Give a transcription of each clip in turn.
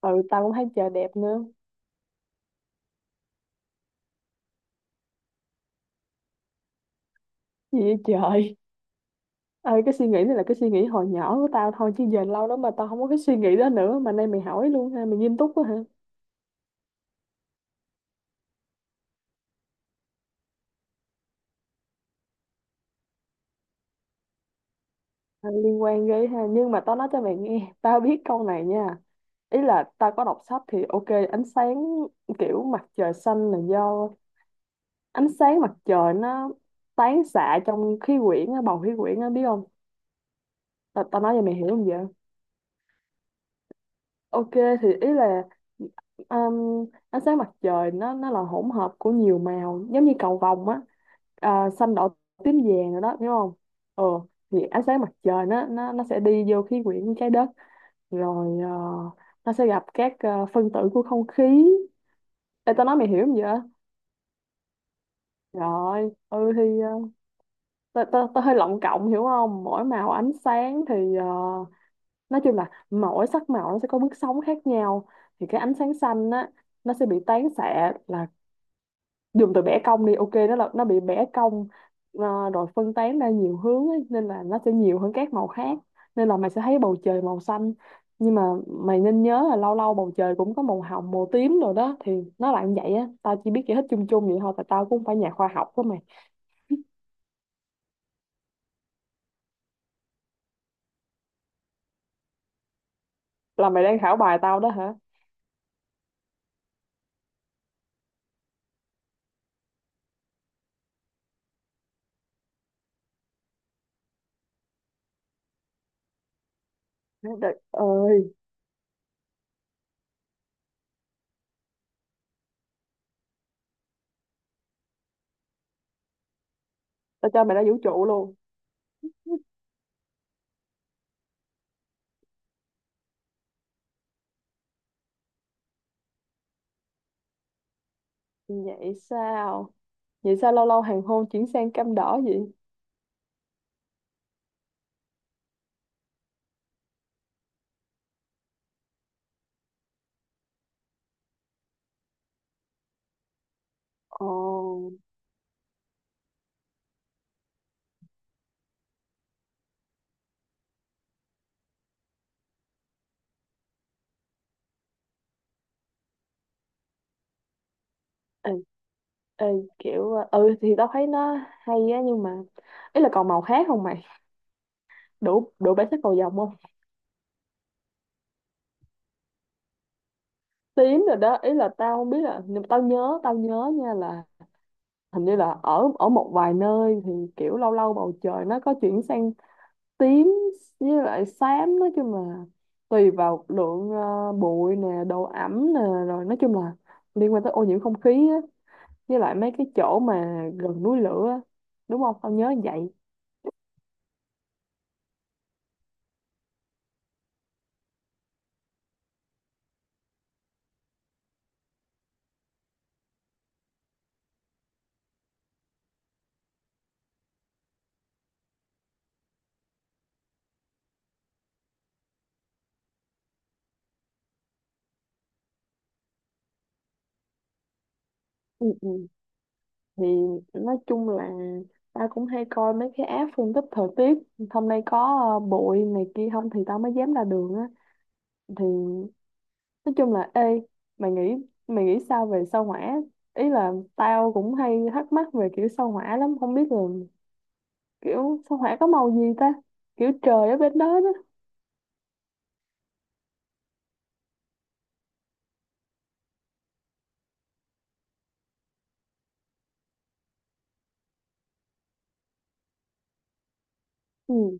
Ừ, tao cũng thấy trời đẹp nữa. Gì vậy trời? Ơi, cái suy nghĩ này là cái suy nghĩ hồi nhỏ của tao thôi chứ giờ lâu lắm mà tao không có cái suy nghĩ đó nữa, mà nay mày hỏi luôn ha, mày nghiêm túc quá hả? À, liên quan ghê ha, nhưng mà tao nói cho mày nghe, tao biết câu này nha. Ý là tao có đọc sách thì ok. Ánh sáng, kiểu mặt trời xanh là do ánh sáng mặt trời nó tán xạ trong khí quyển á, bầu khí quyển á, biết không? Tao nói cho mày hiểu không vậy? Ok, thì ý là ánh sáng mặt trời nó là hỗn hợp của nhiều màu giống như cầu vồng á. À, xanh đỏ tím vàng rồi đó, hiểu không? Ừ, thì ánh sáng mặt trời nó sẽ đi vô khí quyển trái đất. Rồi nó sẽ gặp các phân tử của không khí. Ê, tao nói mày hiểu không vậy? Rồi, ừ thì uh, tao tao tao hơi lộng cộng, hiểu không? Mỗi màu ánh sáng thì nói chung là mỗi sắc màu nó sẽ có bước sóng khác nhau. Thì cái ánh sáng xanh á, nó sẽ bị tán xạ, là dùng từ bẻ cong đi, ok, nó là nó bị bẻ cong. Rồi phân tán ra nhiều hướng ấy, nên là nó sẽ nhiều hơn các màu khác, nên là mày sẽ thấy bầu trời màu xanh. Nhưng mà mày nên nhớ là lâu lâu bầu trời cũng có màu hồng màu tím rồi đó, thì nó là như vậy á. Tao chỉ biết giải thích chung chung vậy thôi, tại tao cũng không phải nhà khoa học của mày. Là mày đang khảo bài tao đó hả? Trời ơi, tao cho mày ra vũ trụ luôn. Vậy sao? Vậy sao lâu lâu hoàng hôn chuyển sang cam đỏ vậy? Ồ, ê, ê, kiểu ừ thì tao thấy nó hay á, nhưng mà ý là còn màu khác không mày? Đủ đủ bản sắc cầu vồng không? Tím rồi đó, ý là tao không biết là, nhưng mà tao nhớ nha, là hình như là ở ở một vài nơi thì kiểu lâu lâu bầu trời nó có chuyển sang tím với lại xám. Nói chung là tùy vào lượng bụi nè, độ ẩm nè, rồi nói chung là liên quan tới ô nhiễm không khí á, với lại mấy cái chỗ mà gần núi lửa á, đúng không, tao nhớ vậy. Ừ, ừ. Thì nói chung là ta cũng hay coi mấy cái app phân tích thời tiết, hôm nay có bụi này kia không thì tao mới dám ra đường á. Thì nói chung là, ê, mày nghĩ mày nghĩ sao về sao hỏa? Ý là tao cũng hay thắc mắc về kiểu sao hỏa lắm, không biết là kiểu sao hỏa có màu gì ta, kiểu trời ở bên đó đó. Ừ.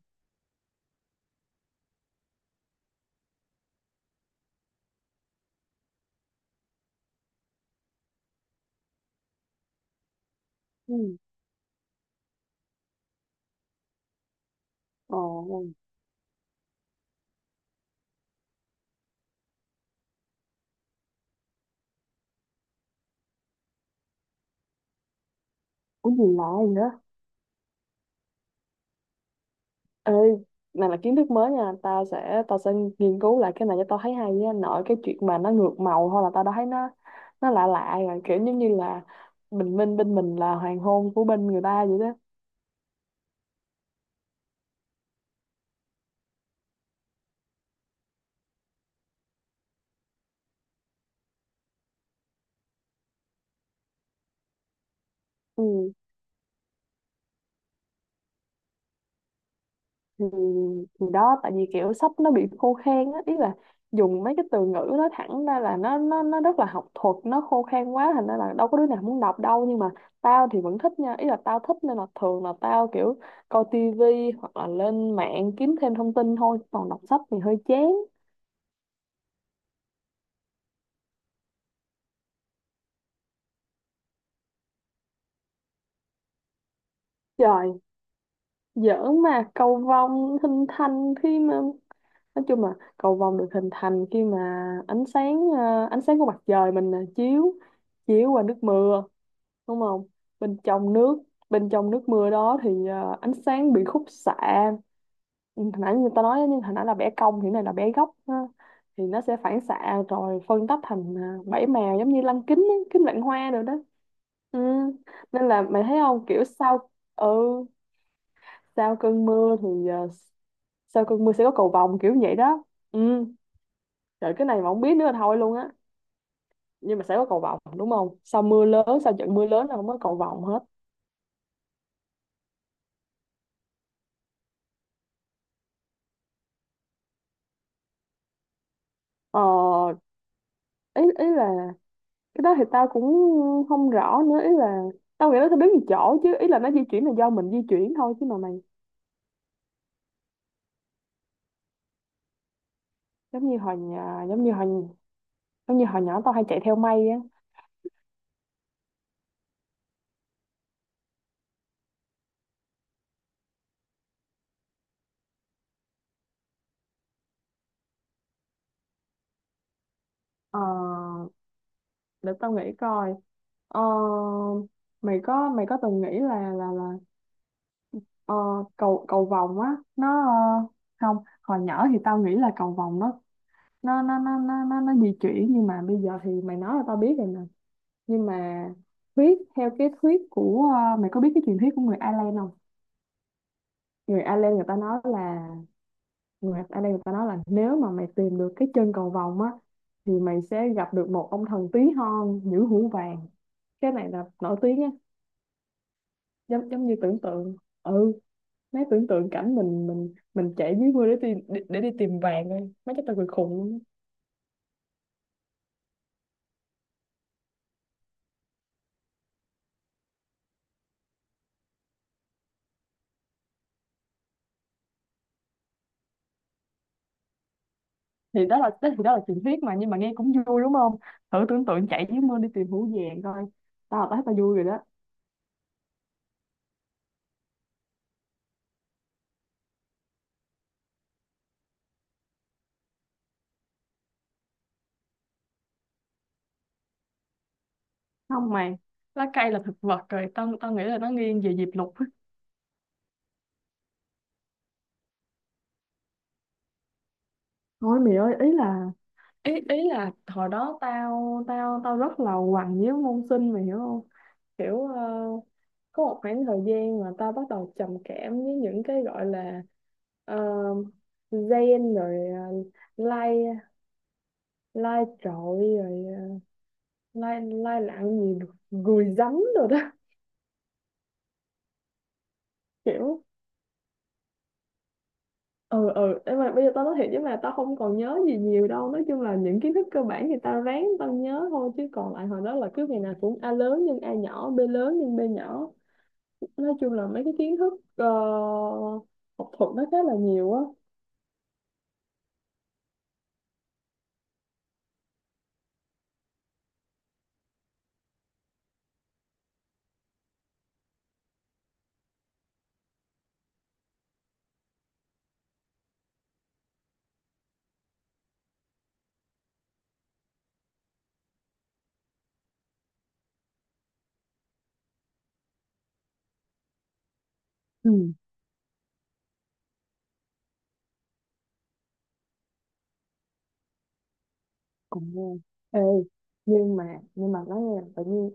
Ừ. Ồ. Có gì lạ vậy? Ê, này là kiến thức mới nha, tao sẽ nghiên cứu lại cái này, cho tao thấy hay nha. Nội cái chuyện mà nó ngược màu thôi là tao đã thấy nó lạ lạ rồi, kiểu giống như là bình minh bên mình là hoàng hôn của bên người ta vậy đó. Ừ, thì, thì đó, tại vì kiểu sách nó bị khô khan á, ý là dùng mấy cái từ ngữ nó thẳng ra là nó rất là học thuật, nó khô khan quá, thành ra là đâu có đứa nào muốn đọc đâu. Nhưng mà tao thì vẫn thích nha, ý là tao thích nên là thường là tao kiểu coi tivi hoặc là lên mạng kiếm thêm thông tin thôi, còn đọc sách thì hơi chán. Trời, giỡn mà. Cầu vồng hình thành khi mà, nói chung là cầu vồng được hình thành khi mà ánh sáng ánh sáng của mặt trời mình chiếu, chiếu qua nước mưa, đúng không? Bên trong nước, bên trong nước mưa đó thì ánh sáng bị khúc xạ. Ừ, hồi nãy người ta nói, nhưng hồi nãy là bẻ cong thì cái này là bẻ góc ha. Thì nó sẽ phản xạ rồi phân tách thành bảy màu giống như lăng kính á, kính vạn hoa rồi đó. Ừ. Nên là mày thấy không, kiểu sau, ừ, sau cơn mưa thì sau cơn mưa sẽ có cầu vồng kiểu vậy đó. Ừ. Trời, cái này mà không biết nữa là thôi luôn á. Nhưng mà sẽ có cầu vồng đúng không, sau mưa lớn, sau trận mưa lớn là không có cầu vồng hết. Ờ, ý ý là cái đó thì tao cũng không rõ nữa, ý là tao nghĩ nó sẽ biến một chỗ chứ, ý là nó di chuyển là do mình di chuyển thôi chứ mà mày. Giống như hồi nhà, giống như hồi, giống như hồi nhỏ tao hay chạy theo mây á. ờ, để tao nghĩ coi. ờ, Mày có, mày có từng nghĩ là ờ, cầu cầu vồng á, nó, không, hồi nhỏ thì tao nghĩ là cầu vồng nó nó di chuyển, nhưng mà bây giờ thì mày nói là tao biết rồi nè. Nhưng mà thuyết, theo cái thuyết của mày có biết cái truyền thuyết của người Ireland không? Người Ireland người ta nói là, người Ireland người ta nói là nếu mà mày tìm được cái chân cầu vồng á, thì mày sẽ gặp được một ông thần tí hon nhũ hũ vàng. Cái này là nổi tiếng á, giống giống như tưởng tượng. Ừ, mấy tưởng tượng cảnh mình chạy dưới mưa để tìm, để đi tìm vàng thôi, mấy cái tao cười khùng luôn. Thì đó là đó, thì đó là truyền thuyết mà, nhưng mà nghe cũng vui đúng không? Thử tưởng tượng chạy dưới mưa đi tìm hũ vàng coi. Tao là tao thấy tao vui rồi đó. Không mày, lá cây là thực vật rồi, tao tao nghĩ là nó nghiêng về diệp lục á. Thôi mày ơi, ý là, ý ý là hồi đó tao tao tao rất là quằn với môn sinh, mày hiểu không? Kiểu có một khoảng thời gian mà tao bắt đầu trầm cảm với những cái gọi là ờ, gen, rồi uh, lai, lai trội, rồi lai lai lặng gì được gùi giấm rồi đó. Kiểu, ừ, ừ, nhưng mà bây giờ tao nói thiệt chứ mà tao không còn nhớ gì nhiều đâu. Nói chung là những kiến thức cơ bản thì tao ráng tao nhớ thôi, chứ còn lại hồi đó là cứ ngày nào cũng a lớn nhân a nhỏ, b lớn nhân b nhỏ. Nói chung là mấy cái kiến thức học thuật nó khá là nhiều á. Ừ, cũng nghe. Ê, nhưng mà nói nghe tự nhiên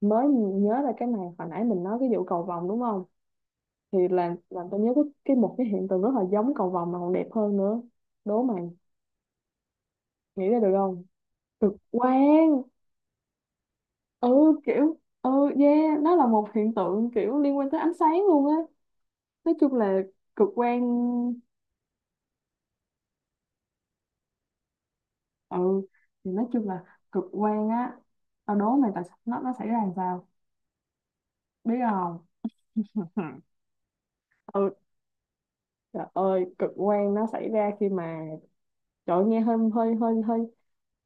mới nhớ ra cái này, hồi nãy mình nói cái vụ cầu vồng đúng không? Thì làm tôi nhớ cái một cái hiện tượng rất là giống cầu vồng mà còn đẹp hơn nữa. Đố mày nghĩ ra được không? Cực quang. Ừ, kiểu, ừ, yeah, nó là một hiện tượng kiểu liên quan tới ánh sáng luôn á. Nói chung là cực quang. Ừ, thì nói chung là cực quan á, tao đố mày tại sao nó xảy ra làm sao, biết không? Ừ, trời ơi, cực quang nó xảy ra khi mà, trời ơi, nghe hơi hơi hơi hơi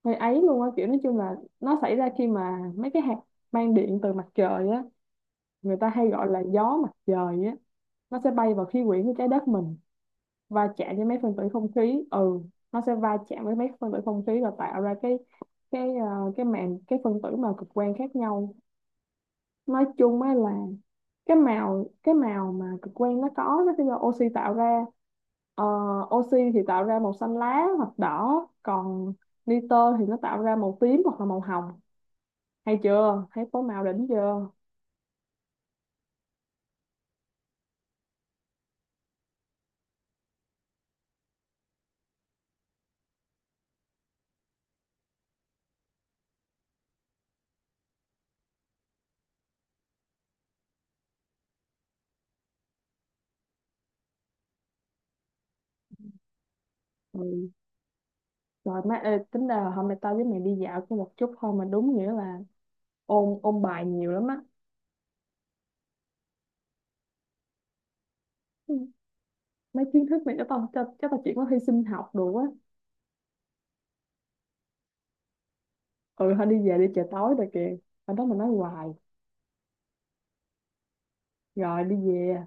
hơi ấy luôn á, kiểu nói chung là nó xảy ra khi mà mấy cái hạt mang điện từ mặt trời á, người ta hay gọi là gió mặt trời á, nó sẽ bay vào khí quyển của trái đất mình, va chạm với mấy phân tử không khí. Ừ, nó sẽ va chạm với mấy phân tử không khí và tạo ra cái ờ, cái màng cái phân tử màu cực quang khác nhau. Nói chung á là cái màu mà cực quang nó có, nó sẽ do oxy tạo ra. Ờ, oxy thì tạo ra màu xanh lá hoặc đỏ, còn nitơ thì nó tạo ra màu tím hoặc là màu hồng. Hay chưa, thấy phối màu đỉnh chưa? Ừ. Rồi má, ê, tính ra là hôm nay tao với mày đi dạo có một chút thôi mà đúng nghĩa là ôn ôn bài nhiều lắm á. Ừ, mấy kiến thức này cho tao, cho tao chuyển qua thi sinh học đồ á. Ừ, thôi đi về đi, trời tối rồi kìa. Ở đó mà nói hoài. Rồi đi về.